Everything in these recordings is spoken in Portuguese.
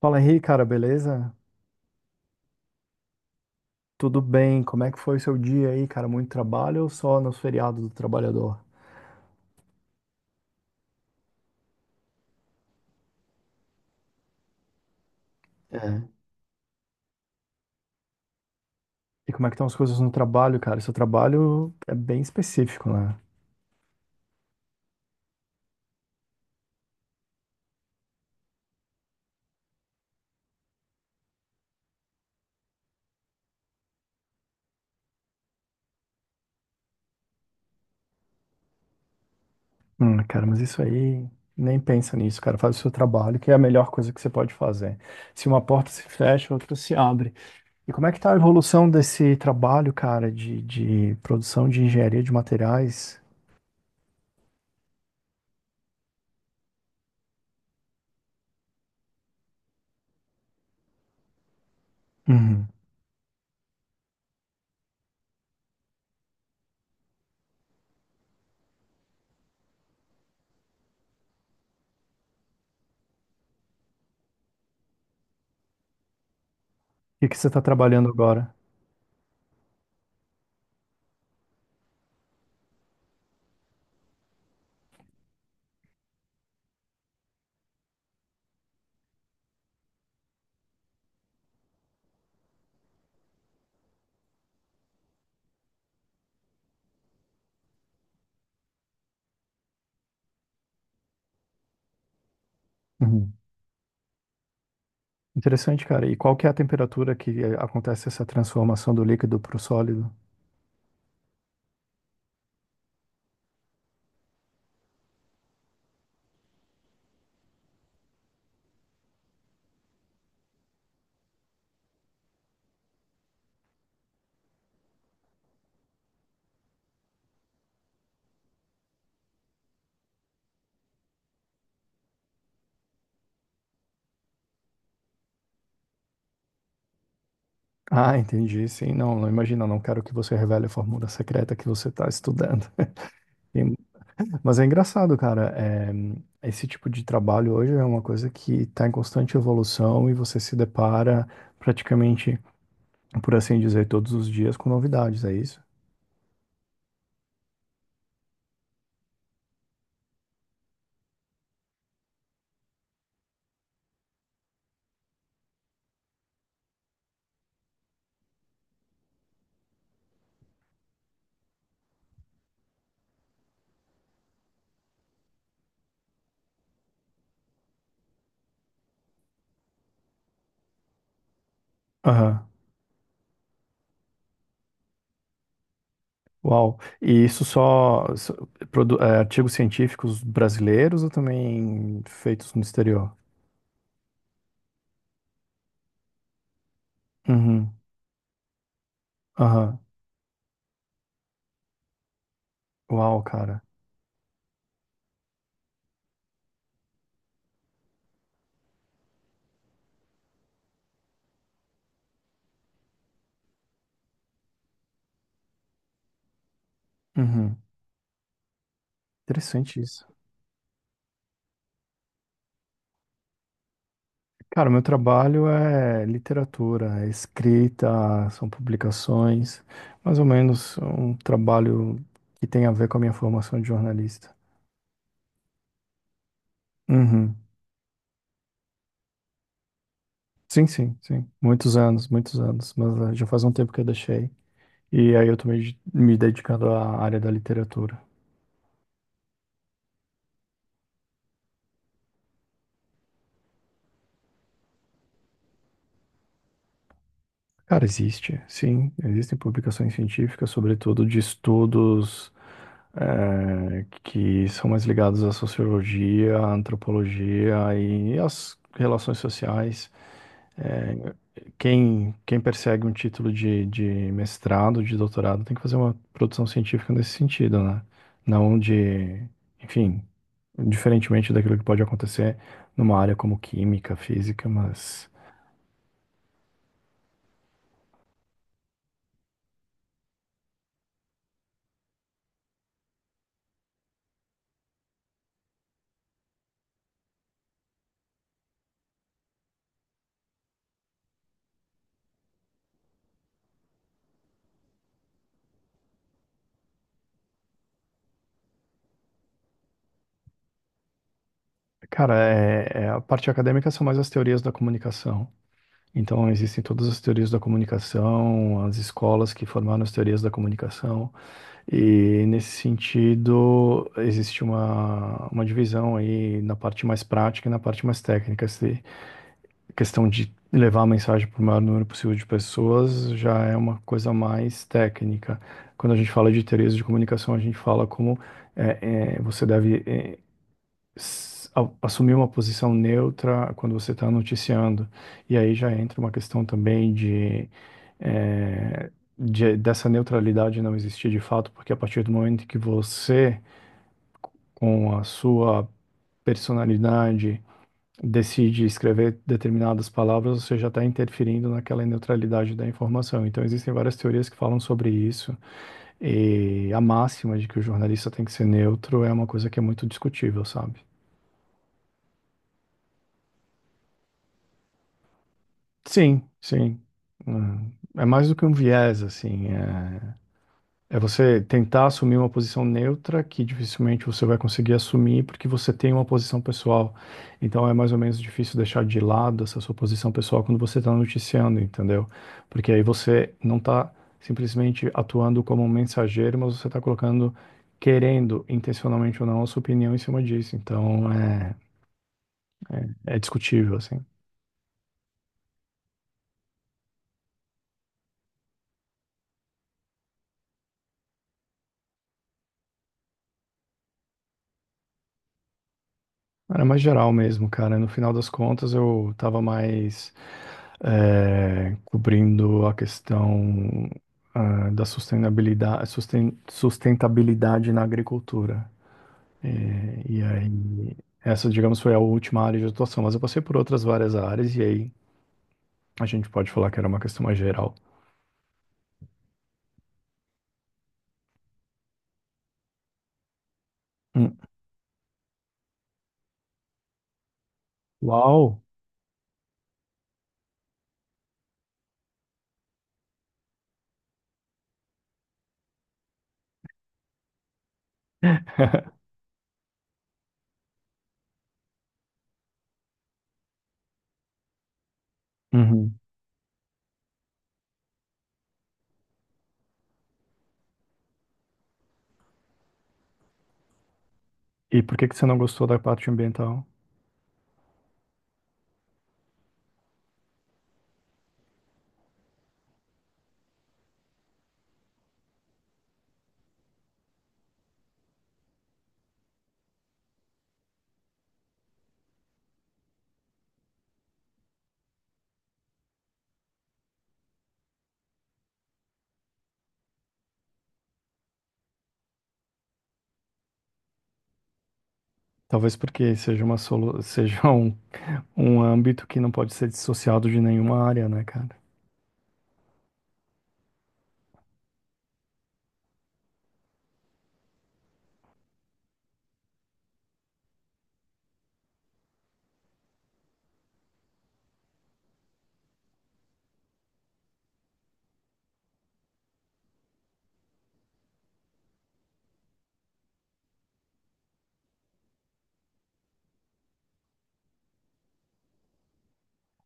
Fala Henrique, cara, beleza? Tudo bem? Como é que foi o seu dia aí, cara? Muito trabalho ou só nos feriados do trabalhador? É. E como é que estão as coisas no trabalho, cara? Seu trabalho é bem específico, né? Cara, mas isso aí, nem pensa nisso, cara. Faz o seu trabalho, que é a melhor coisa que você pode fazer. Se uma porta se fecha, outra se abre. E como é que tá a evolução desse trabalho, cara, de produção de engenharia de materiais? Uhum. O que que você tá trabalhando agora? Interessante, cara. E qual que é a temperatura que acontece essa transformação do líquido para o sólido? Ah, entendi. Sim, não imagina, não quero que você revele a fórmula secreta que você está estudando. E- Mas é engraçado, cara. Esse tipo de trabalho hoje é uma coisa que está em constante evolução e você se depara praticamente, por assim dizer, todos os dias com novidades, é isso? Aham. Uau. E isso artigos científicos brasileiros ou também feitos no exterior? Uhum. Aham. Uau, cara. Uhum. Interessante isso. Cara, meu trabalho é literatura, é escrita, são publicações, mais ou menos um trabalho que tem a ver com a minha formação de jornalista. Uhum. Sim, sim, sim. Muitos anos, mas já faz um tempo que eu deixei. E aí eu tô me dedicando à área da literatura. Cara, existe, sim, existem publicações científicas, sobretudo de estudos. Que são mais ligados à sociologia, à antropologia e às relações sociais. Eh, quem persegue um título de mestrado, de doutorado, tem que fazer uma produção científica nesse sentido, né? Não de, enfim, diferentemente daquilo que pode acontecer numa área como química, física, mas, cara, a parte acadêmica são mais as teorias da comunicação. Então, existem todas as teorias da comunicação, as escolas que formaram as teorias da comunicação, e nesse sentido, existe uma divisão aí na parte mais prática e na parte mais técnica. Se a questão de levar a mensagem para o maior número possível de pessoas já é uma coisa mais técnica. Quando a gente fala de teorias de comunicação, a gente fala como é, você deve assumir uma posição neutra quando você está noticiando. E aí já entra uma questão também de, eh, dessa neutralidade não existir de fato, porque a partir do momento que você, com a sua personalidade, decide escrever determinadas palavras, você já está interferindo naquela neutralidade da informação. Então existem várias teorias que falam sobre isso, e a máxima de que o jornalista tem que ser neutro é uma coisa que é muito discutível, sabe? Sim, sim. Hum. É mais do que um viés, assim. É, é você tentar assumir uma posição neutra que dificilmente você vai conseguir assumir porque você tem uma posição pessoal. Então é mais ou menos difícil deixar de lado essa sua posição pessoal quando você está noticiando, entendeu? Porque aí você não está simplesmente atuando como um mensageiro, mas você está colocando, querendo, intencionalmente ou não, a sua opinião em cima disso. Então é discutível, assim. Era mais geral mesmo, cara. No final das contas, eu tava mais cobrindo a questão ah, da sustentabilidade, sustentabilidade na agricultura. Eh, E, aí, Essa, digamos, foi a última área de atuação, mas eu passei por outras várias áreas, e aí a gente pode falar que era uma questão mais geral. Hum. Uau! Uhum. E por que que você não gostou da parte ambiental? Talvez porque seja uma solu... seja um âmbito que não pode ser dissociado de nenhuma área, né, cara?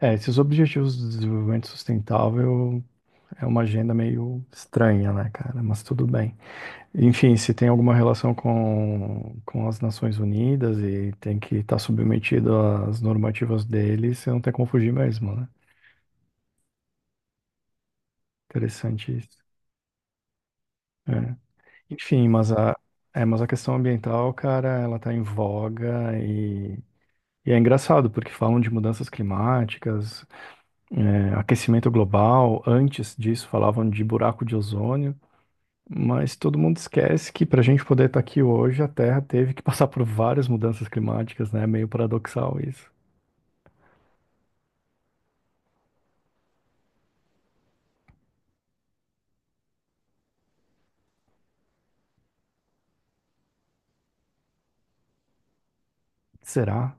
É, esses objetivos de desenvolvimento sustentável é uma agenda meio estranha, né, cara? Mas tudo bem. Enfim, se tem alguma relação com as Nações Unidas e tem que estar submetido às normativas deles, você não tem como fugir mesmo, né? Interessante isso. É. Enfim, mas a questão ambiental, cara, ela tá em voga e é engraçado, porque falam de mudanças climáticas, é, aquecimento global, antes disso falavam de buraco de ozônio, mas todo mundo esquece que para a gente poder estar aqui hoje, a Terra teve que passar por várias mudanças climáticas, né? É Meio paradoxal isso. Será?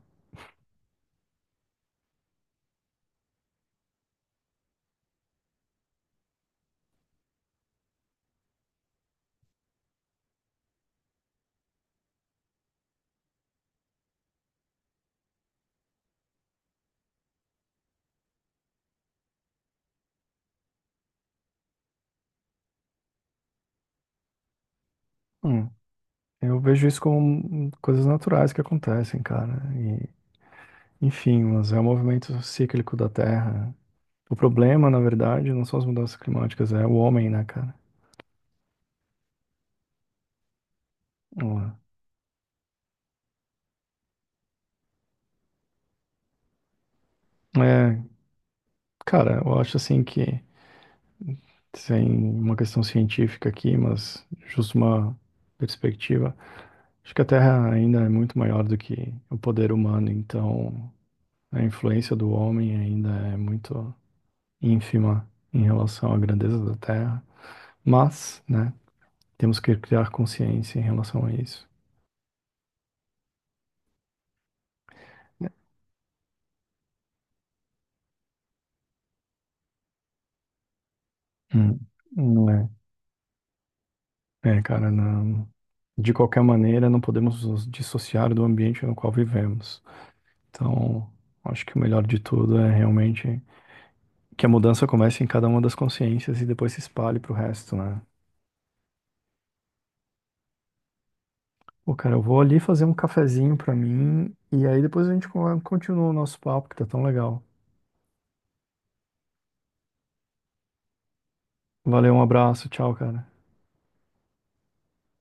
Hum, eu vejo isso como coisas naturais que acontecem, cara. E, enfim, mas é o movimento cíclico da Terra. O problema, na verdade, não são as mudanças climáticas, é o homem, né, cara? Hum. É, cara, eu acho assim que sem uma questão científica aqui, mas justo uma perspectiva. Acho que a Terra ainda é muito maior do que o poder humano, então a influência do homem ainda é muito ínfima em relação à grandeza da Terra, mas, né, temos que criar consciência em relação a isso. Hum, não é. É, cara, não. De qualquer maneira, não podemos nos dissociar do ambiente no qual vivemos. Então, acho que o melhor de tudo é realmente que a mudança comece em cada uma das consciências e depois se espalhe pro resto, né? Pô, cara, eu vou ali fazer um cafezinho pra mim e aí depois a gente continua o nosso papo, que tá tão legal. Valeu, um abraço, tchau, cara.